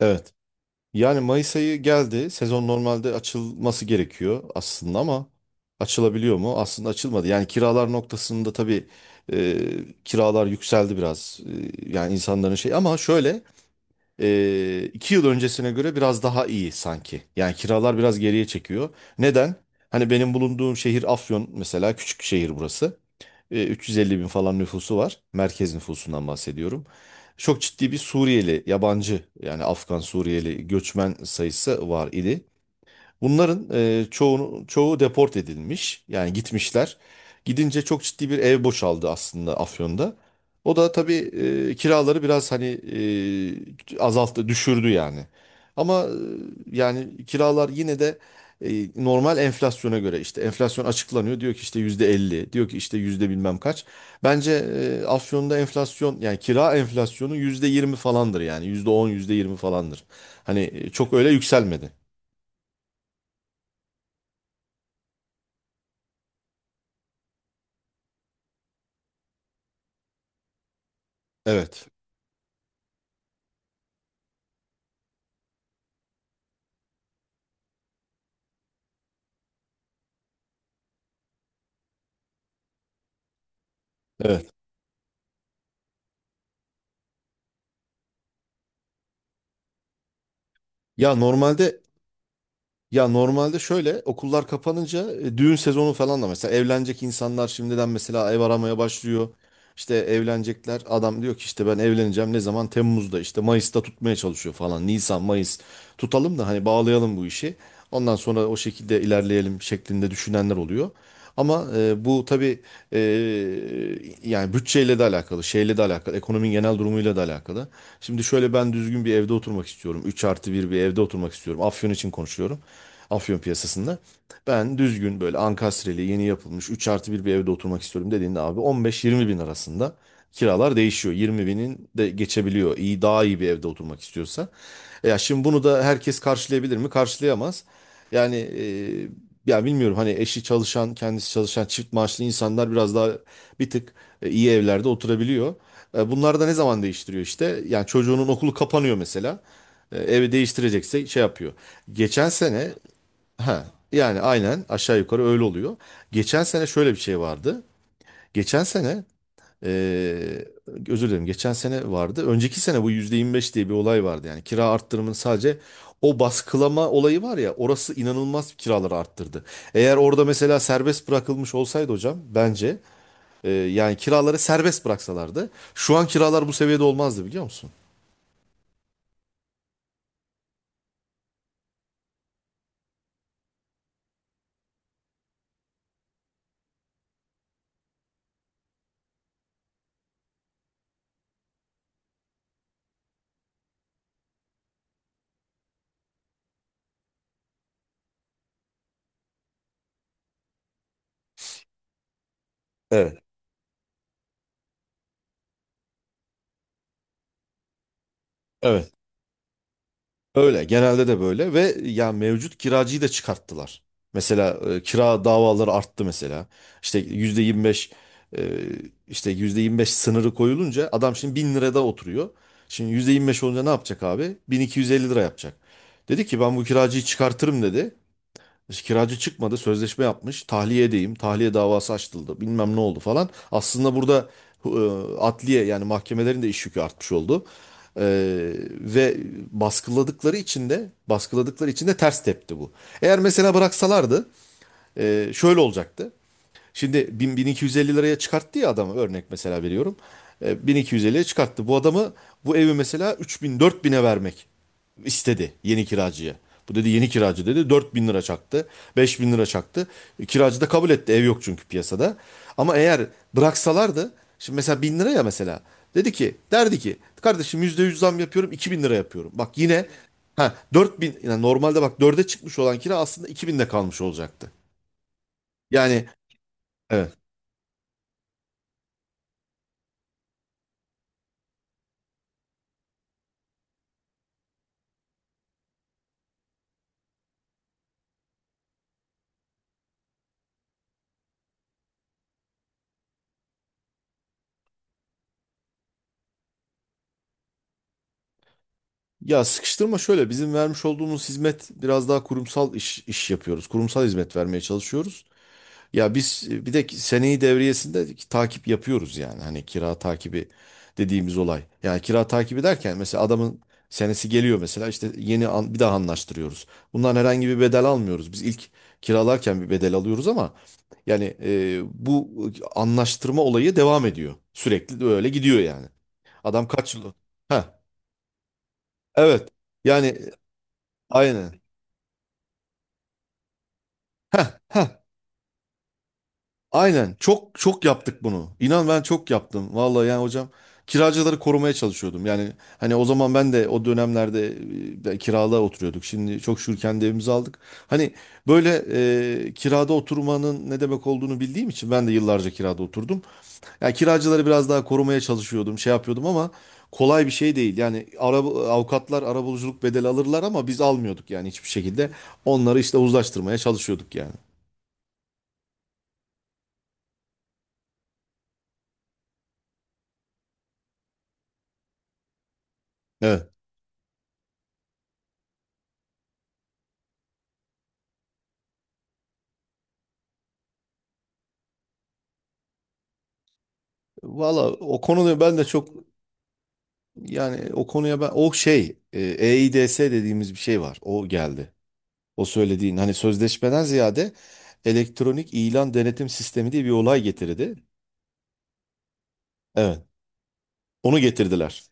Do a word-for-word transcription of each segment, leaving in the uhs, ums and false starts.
Evet. Yani Mayıs ayı geldi. Sezon normalde açılması gerekiyor aslında ama açılabiliyor mu? Aslında açılmadı. Yani kiralar noktasında tabii e, kiralar yükseldi biraz. E, yani insanların şey ama şöyle e, iki yıl öncesine göre biraz daha iyi sanki. Yani kiralar biraz geriye çekiyor. Neden? Hani benim bulunduğum şehir Afyon mesela, küçük şehir burası. E, 350 bin falan nüfusu var. Merkez nüfusundan bahsediyorum. Çok ciddi bir Suriyeli, yabancı yani Afgan Suriyeli göçmen sayısı var idi. Bunların e, çoğunu, çoğu deport edilmiş. Yani gitmişler. Gidince çok ciddi bir ev boşaldı aslında Afyon'da. O da tabii e, kiraları biraz hani e, azalttı, düşürdü yani. Ama e, yani kiralar yine de e, normal enflasyona göre, işte enflasyon açıklanıyor. Diyor ki işte yüzde elli, diyor ki işte yüzde bilmem kaç. Bence e, Afyon'da enflasyon, yani kira enflasyonu yüzde yirmi falandır, yani yüzde on, yüzde yirmi falandır. Hani e, çok öyle yükselmedi. Evet. Evet. Ya normalde ya normalde şöyle, okullar kapanınca e, düğün sezonu falan da, mesela evlenecek insanlar şimdiden mesela ev aramaya başlıyor. İşte evlenecekler, adam diyor ki işte ben evleneceğim, ne zaman, Temmuz'da, işte Mayıs'ta tutmaya çalışıyor falan, Nisan Mayıs tutalım da hani bağlayalım bu işi. Ondan sonra o şekilde ilerleyelim şeklinde düşünenler oluyor. Ama e, bu tabii e, yani bütçeyle de alakalı, şeyle de alakalı, ekonominin genel durumuyla da alakalı. Şimdi şöyle, ben düzgün bir evde oturmak istiyorum. üç artı bir bir evde oturmak istiyorum. Afyon için konuşuyorum. Afyon piyasasında. Ben düzgün böyle ankastreli yeni yapılmış üç artı bir bir evde oturmak istiyorum dediğinde, abi on beş yirmi bin arasında kiralar değişiyor. yirmi binin de geçebiliyor, İyi daha iyi bir evde oturmak istiyorsa. E Ya şimdi bunu da herkes karşılayabilir mi? Karşılayamaz. Yani e, ya bilmiyorum, hani eşi çalışan, kendisi çalışan çift maaşlı insanlar biraz daha bir tık e, iyi evlerde oturabiliyor. E, Bunlar da ne zaman değiştiriyor işte? Yani çocuğunun okulu kapanıyor mesela. E, Evi değiştirecekse şey yapıyor. Geçen sene. Ha, yani aynen, aşağı yukarı öyle oluyor. Geçen sene şöyle bir şey vardı. Geçen sene eee, özür dilerim, geçen sene vardı. Önceki sene bu yüzde yirmi beş diye bir olay vardı. Yani kira arttırımının sadece o baskılama olayı var ya, orası inanılmaz kiraları arttırdı. Eğer orada mesela serbest bırakılmış olsaydı hocam, bence eee, yani kiraları serbest bıraksalardı şu an kiralar bu seviyede olmazdı, biliyor musun? Evet. Evet. Öyle, genelde de böyle ve ya mevcut kiracıyı da çıkarttılar. Mesela e, kira davaları arttı mesela. İşte yüzde yirmi beş, e, işte yüzde yirmi beş sınırı koyulunca, adam şimdi bin lirada oturuyor. Şimdi yüzde yirmi beş olunca ne yapacak abi? bin iki yüz elli lira yapacak. Dedi ki ben bu kiracıyı çıkartırım dedi. İşte kiracı çıkmadı, sözleşme yapmış. Tahliye edeyim, tahliye davası açıldı, bilmem ne oldu falan. Aslında burada e, adliye, yani mahkemelerin de iş yükü artmış oldu. E, Ve baskıladıkları için de baskıladıkları için de ters tepti bu. Eğer mesela bıraksalardı e, şöyle olacaktı. Şimdi bin, bin iki yüz elli liraya çıkarttı ya adamı, örnek mesela veriyorum. E, bin iki yüz elliye çıkarttı. Bu adamı bu evi mesela üç bin dört bine vermek istedi yeni kiracıya. Bu dedi, yeni kiracı dedi, dört bin lira çaktı, beş bin lira çaktı. E, Kiracı da kabul etti. Ev yok çünkü piyasada. Ama eğer bıraksalardı, şimdi mesela bin lira ya mesela, dedi ki derdi ki kardeşim, yüzde yüz zam yapıyorum, iki bin lira yapıyorum. Bak, yine, ha, dört bin, yani normalde bak, dörde çıkmış olan kira aslında iki binde kalmış olacaktı. Yani evet. Ya sıkıştırma şöyle, bizim vermiş olduğumuz hizmet biraz daha kurumsal iş, iş yapıyoruz. Kurumsal hizmet vermeye çalışıyoruz. Ya biz e, bir de ki seneyi devriyesinde takip yapıyoruz yani. Hani kira takibi dediğimiz olay. Yani kira takibi derken, mesela adamın senesi geliyor mesela, işte yeni an, bir daha anlaştırıyoruz. Bundan herhangi bir bedel almıyoruz. Biz ilk kiralarken bir bedel alıyoruz ama yani e, bu anlaştırma olayı devam ediyor. Sürekli de öyle gidiyor yani. Adam kaç yıl? Ha, evet. Yani Aynen. Heh, aynen. Çok çok yaptık bunu. İnan, ben çok yaptım. Vallahi yani hocam, kiracıları korumaya çalışıyordum. Yani hani o zaman, ben de o dönemlerde e, ben kirada oturuyorduk. Şimdi çok şükür kendi evimizi aldık. Hani böyle, e, kirada oturmanın ne demek olduğunu bildiğim için, ben de yıllarca kirada oturdum. Yani kiracıları biraz daha korumaya çalışıyordum, şey yapıyordum ama kolay bir şey değil. Yani araba, avukatlar arabuluculuk bedeli alırlar ama biz almıyorduk yani, hiçbir şekilde. Onları işte uzlaştırmaya çalışıyorduk yani. Evet. Valla o konuda ben de çok, yani o konuya, ben o şey, e, EIDS dediğimiz bir şey var. O geldi. O söylediğin hani, sözleşmeden ziyade elektronik ilan denetim sistemi diye bir olay getirdi. Evet. Onu getirdiler.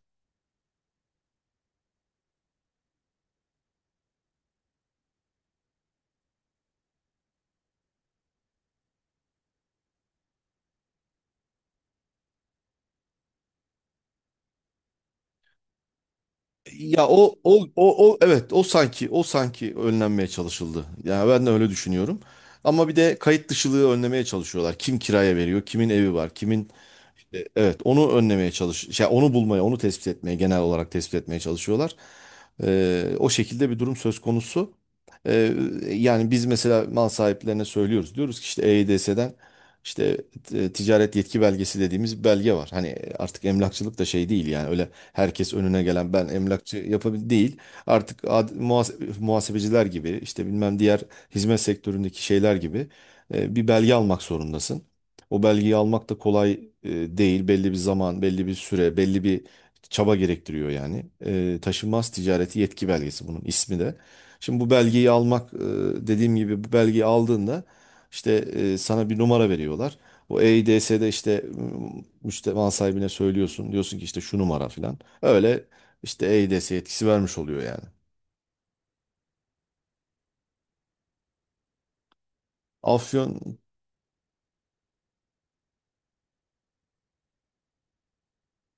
Ya, o o o o evet, o sanki o sanki önlenmeye çalışıldı. Yani ben de öyle düşünüyorum. Ama bir de kayıt dışılığı önlemeye çalışıyorlar. Kim kiraya veriyor, kimin evi var, kimin... E, Evet, onu önlemeye çalış, şey, onu bulmaya, onu tespit etmeye, genel olarak tespit etmeye çalışıyorlar. E, o şekilde bir durum söz konusu. E, Yani biz mesela mal sahiplerine söylüyoruz. Diyoruz ki işte E Y D S'den işte e, ticaret yetki belgesi dediğimiz bir belge var. Hani artık emlakçılık da şey değil yani, öyle herkes önüne gelen ben emlakçı yapabil değil. Artık ad- muhase- muhasebeciler gibi, işte bilmem, diğer hizmet sektöründeki şeyler gibi e, bir belge almak zorundasın. O belgeyi almak da kolay e, değil. Belli bir zaman, belli bir süre, belli bir çaba gerektiriyor yani. E, taşınmaz ticareti yetki belgesi bunun ismi de. Şimdi bu belgeyi almak, e, dediğim gibi bu belgeyi aldığında işte e, sana bir numara veriyorlar. O E I D S'de işte, m, müşteri sahibine söylüyorsun. Diyorsun ki işte şu numara falan. Öyle işte E I D S yetkisi vermiş oluyor yani. Afyon.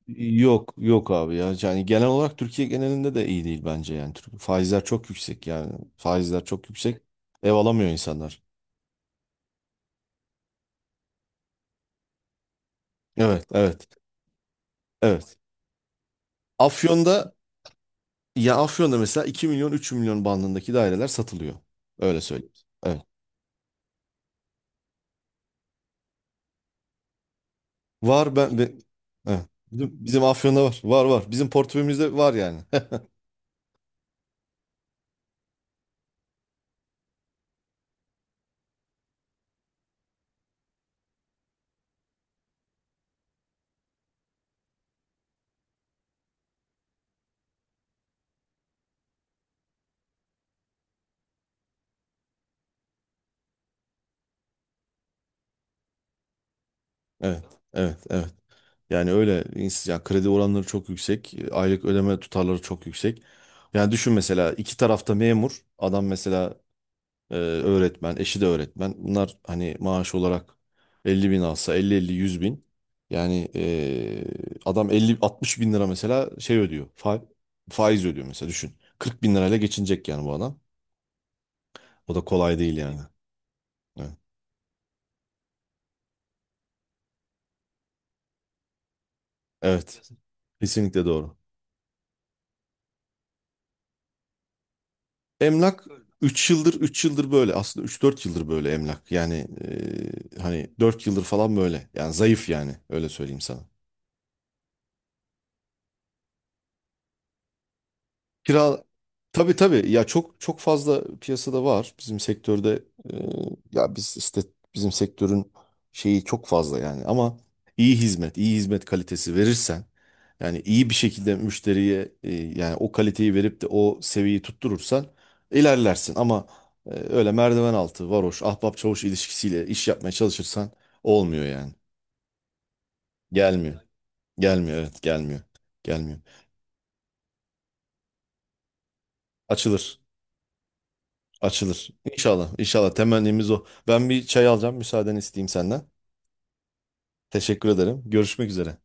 Yok yok abi ya, yani genel olarak Türkiye genelinde de iyi değil bence, yani Türk- faizler çok yüksek, yani faizler çok yüksek, ev alamıyor insanlar. Evet, evet, evet. Afyon'da ya Afyon'da mesela iki milyon üç milyon bandındaki daireler satılıyor, öyle söyleyeyim. Evet, var, ben, ben- evet. Bizim, bizim Afyon'da var, var, var, bizim portföyümüzde var yani. Evet, evet, evet. Yani öyle ins- ya kredi oranları çok yüksek, e, aylık ödeme tutarları çok yüksek. Yani düşün, mesela iki tarafta memur, adam mesela e, öğretmen, eşi de öğretmen. Bunlar hani maaş olarak elli bin alsa, elli elli-yüz bin. Yani e, adam elli, altmış bin lira mesela şey ödüyor, fa- faiz ödüyor mesela, düşün. kırk bin lirayla geçinecek yani bu adam. O da kolay değil yani. Evet, evet, kesinlikle doğru. Emlak, üç yıldır üç yıldır böyle, aslında üç dört yıldır böyle emlak yani e, hani dört yıldır falan böyle yani, zayıf yani, öyle söyleyeyim sana. Kira, tabii tabii ya, çok çok fazla piyasada var bizim sektörde. Ee, Ya biz işte, bizim sektörün şeyi çok fazla yani, ama iyi hizmet iyi hizmet kalitesi verirsen, yani iyi bir şekilde müşteriye e, yani o kaliteyi verip de o seviyeyi tutturursan, ilerlersin. Ama e, öyle merdiven altı, varoş, ahbap çavuş ilişkisiyle iş yapmaya çalışırsan olmuyor yani. Gelmiyor, gelmiyor, evet, gelmiyor, gelmiyor. Açılır. Açılır. İnşallah. İnşallah. Temennimiz o. Ben bir çay alacağım, müsaaden isteyeyim senden. Teşekkür ederim. Görüşmek üzere.